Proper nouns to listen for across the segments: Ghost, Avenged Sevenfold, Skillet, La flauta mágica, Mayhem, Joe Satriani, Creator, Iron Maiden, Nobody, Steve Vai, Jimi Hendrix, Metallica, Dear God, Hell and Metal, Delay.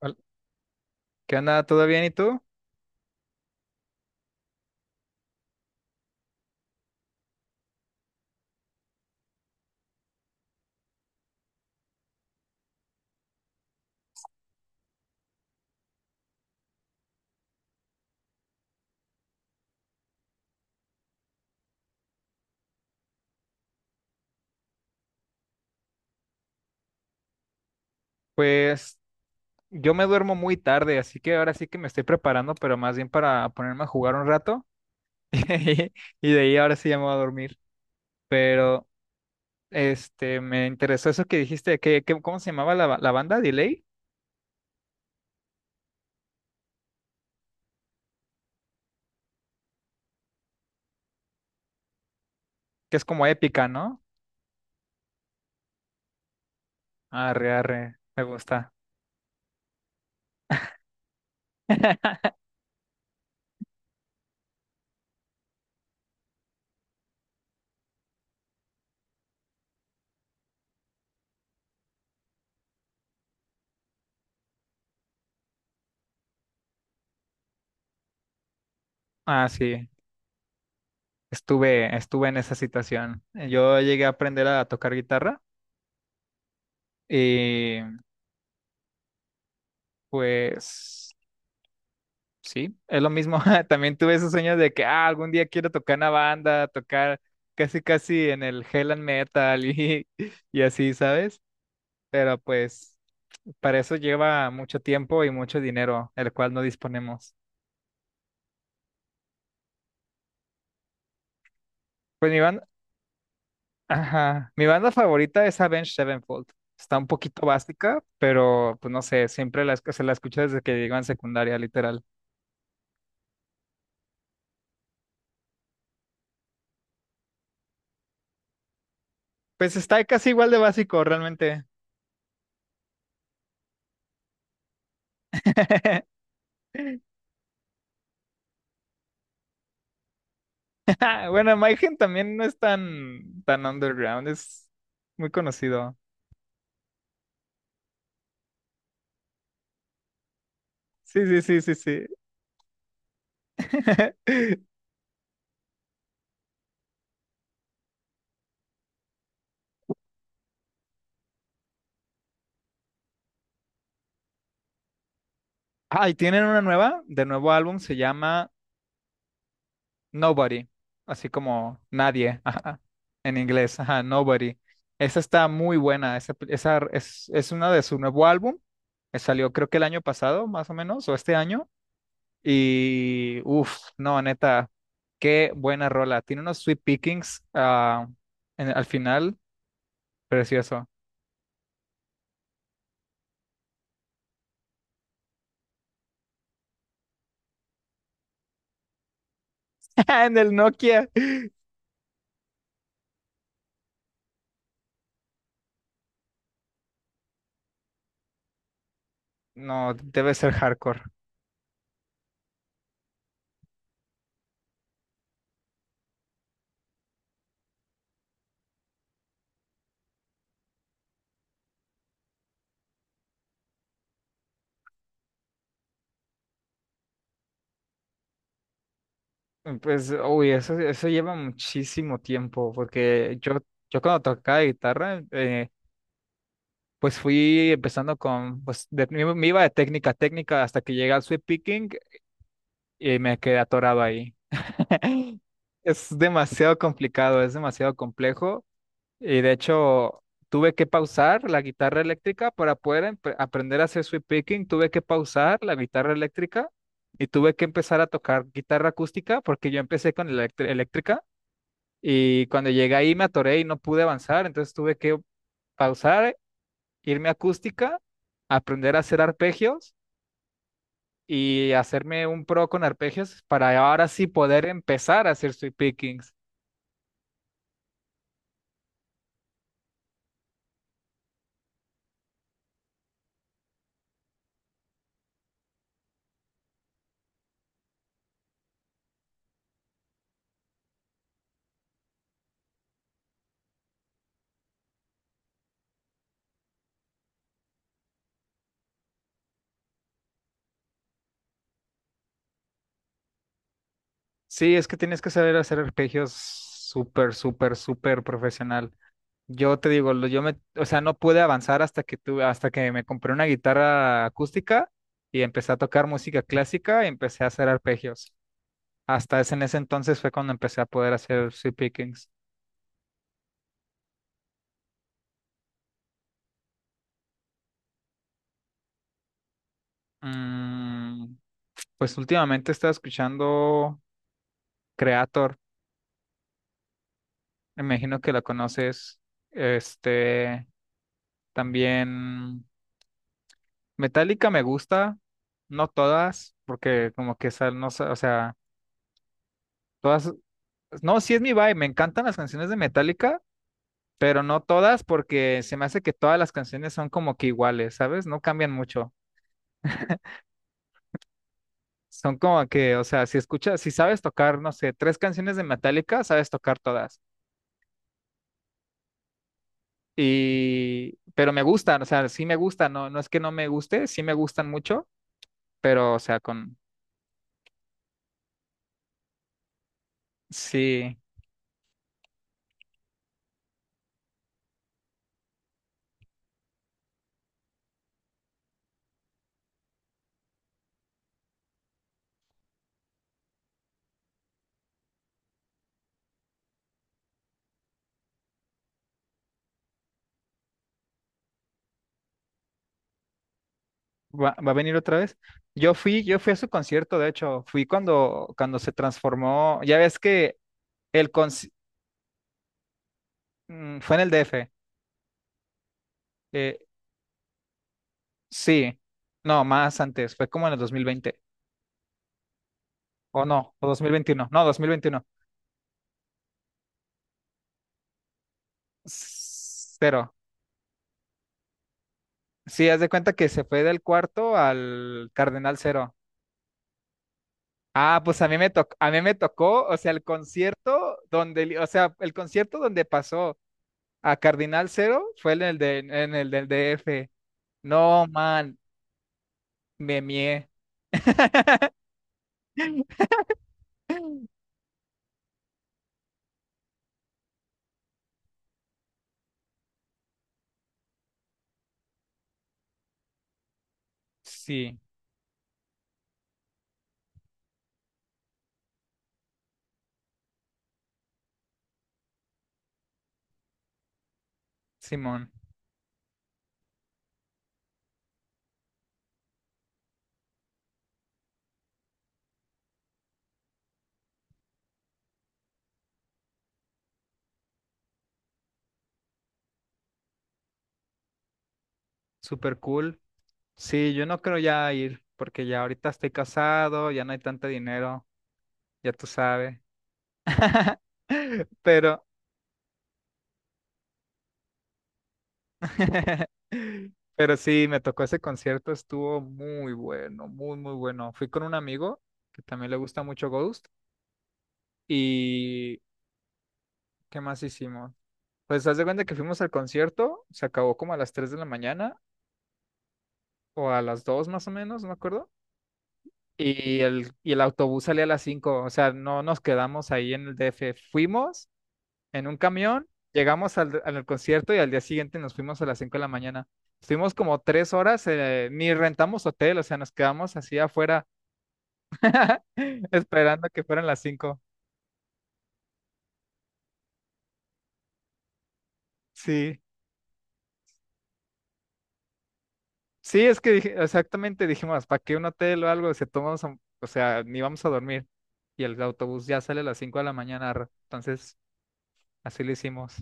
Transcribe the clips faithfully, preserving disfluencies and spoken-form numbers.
Hol- ¿Qué onda? ¿Todo bien? ¿Y tú? Pues yo me duermo muy tarde, así que ahora sí que me estoy preparando, pero más bien para ponerme a jugar un rato. Y de ahí ahora sí ya me voy a dormir. Pero este, me interesó eso que dijiste, que, que- ¿cómo se llamaba la, la banda? Delay, que es como épica, ¿no? Arre, arre, me gusta. Ah, sí, estuve, estuve en esa situación. Yo llegué a aprender a tocar guitarra y pues Sí, es lo mismo. También tuve esos sueños de que ah, algún día quiero tocar una banda, tocar casi casi en el Hell and Metal y, y así, ¿sabes? Pero pues para eso lleva mucho tiempo y mucho dinero, el cual no disponemos. Pues mi banda, ajá, mi banda favorita es Avenged Sevenfold. Está un poquito básica, pero pues no sé, siempre la, esc- se la escucho desde que llego en secundaria, literal. Pues está casi igual de básico, realmente. Ah, bueno, Mayhem también no es tan, tan underground, es muy conocido. Sí, sí, sí, sí, sí. Ah, y tienen una nueva, de nuevo álbum, se llama Nobody, así como nadie, ajá, en inglés, ajá, Nobody. Esa está muy buena, esa, esa es, es una de su nuevo álbum, que salió creo que el año pasado, más o menos, o este año, y uff, no, neta, qué buena rola. Tiene unos sweet pickings ah, en- al final, precioso. Ah, en el Nokia. No, debe ser hardcore. Pues, uy, eso, eso lleva muchísimo tiempo, porque yo, yo cuando tocaba guitarra, eh, pues fui empezando con, pues de- me me iba de técnica a técnica hasta que llegué al sweep picking y me quedé atorado ahí. Es demasiado complicado, es demasiado complejo. Y de hecho, tuve que pausar la guitarra eléctrica para poder empe- aprender a hacer sweep picking. Tuve que pausar la guitarra eléctrica y tuve que empezar a tocar guitarra acústica porque yo empecé con electr- eléctrica y cuando llegué ahí me atoré y no pude avanzar. Entonces tuve que pausar, irme a acústica, aprender a hacer arpegios y hacerme un pro con arpegios para ahora sí poder empezar a hacer sweep pickings. Sí, es que tienes que saber hacer arpegios súper, súper, súper profesional. Yo te digo, lo- yo me, o sea, no pude avanzar hasta que tuve, hasta que me compré una guitarra acústica y empecé a tocar música clásica y empecé a hacer arpegios. Hasta ese, en ese entonces fue cuando empecé a poder hacer sweep pickings. Mm, pues últimamente estaba escuchando Creator, me imagino que la conoces. Este, también Metallica me gusta, no todas, porque como que sal, no, sa- o sea, todas no, sí es mi vibe. Me encantan las canciones de Metallica, pero no todas porque se me hace que todas las canciones son como que iguales, ¿sabes? No cambian mucho. Son como que, o sea, si escuchas, si sabes tocar, no sé, tres canciones de Metallica, sabes tocar todas. Y, pero me gustan, o sea, sí me gustan, no, no es que no me guste, sí me gustan mucho, pero, o sea, con, sí, va, va a venir otra vez. Yo fui, yo fui a su concierto, de hecho, fui cuando, cuando se transformó, ya ves que el, conci- mm, fue en el D F, eh, sí, no, más antes, fue como en el dos mil veinte o no, o dos mil veintiuno no, dos mil veintiuno cero. Sí, haz de cuenta que se fue del cuarto al Cardenal cero. Ah, pues a mí me tocó, a mí me tocó, o sea, el concierto donde, li- o sea, el concierto donde pasó a Cardinal cero fue en el de, en el del D F. No, man, me mié. Sí, Simón, super cool. Sí, yo no creo ya ir, porque ya ahorita estoy casado, ya no hay tanto dinero. Ya tú sabes. Pero, pero sí, me tocó ese concierto, estuvo muy bueno, muy, muy bueno. Fui con un amigo que también le gusta mucho Ghost. ¿Y qué más hicimos? Pues haz de cuenta que fuimos al concierto, se acabó como a las tres de la mañana o a las dos más o menos, no me acuerdo. Y el, y el autobús salía a las cinco, o sea, no nos quedamos ahí en el D F, fuimos en un camión, llegamos al, al concierto y al día siguiente nos fuimos a las cinco de la mañana. Estuvimos como tres horas, eh, ni rentamos hotel, o sea, nos quedamos así afuera esperando que fueran las cinco. Sí, sí, es que dije- exactamente dijimos, ¿para qué un hotel o algo? Si tomamos, un- o sea, ni vamos a dormir. Y el autobús ya sale a las cinco de la mañana, ra- entonces así lo hicimos.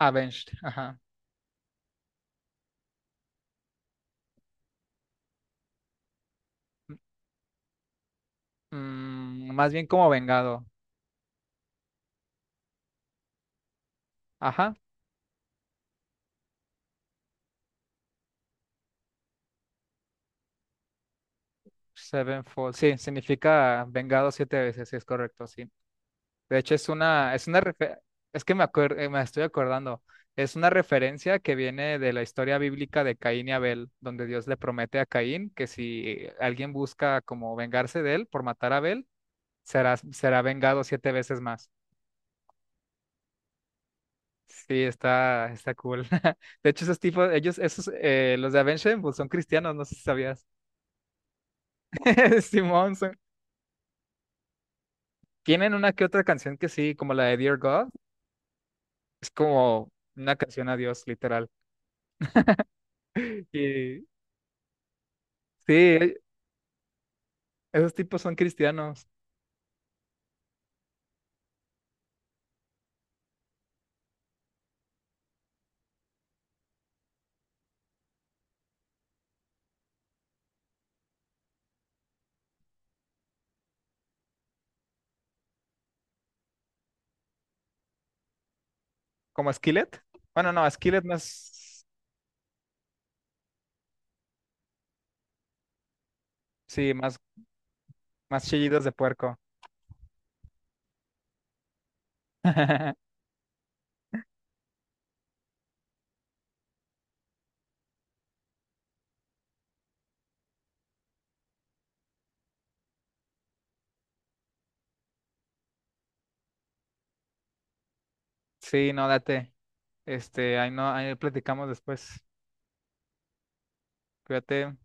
Avenged, ajá. Mm, más bien como vengado. Ajá. Sevenfold. Sí, significa vengado siete veces, sí, es correcto, sí. De hecho, es una, es una, refe- es que me acuer- eh, me estoy acordando, es una referencia que viene de la historia bíblica de Caín y Abel, donde Dios le promete a Caín que si alguien busca como vengarse de él por matar a Abel, será, será vengado siete veces más. Sí, está, está cool. De hecho, esos tipos, ellos, esos, eh, los de Avenged Sevenfold son cristianos, no sé si sabías. Simón, son- tienen una que otra canción que sí, como la de Dear God, es como una canción a Dios, literal. Y- Sí, Esos tipos son cristianos, como Skillet. Bueno, no, Skillet más, sí, más, más chillidos de puerco. Sí, no, date. Este, ahí no, ahí platicamos después. Cuídate.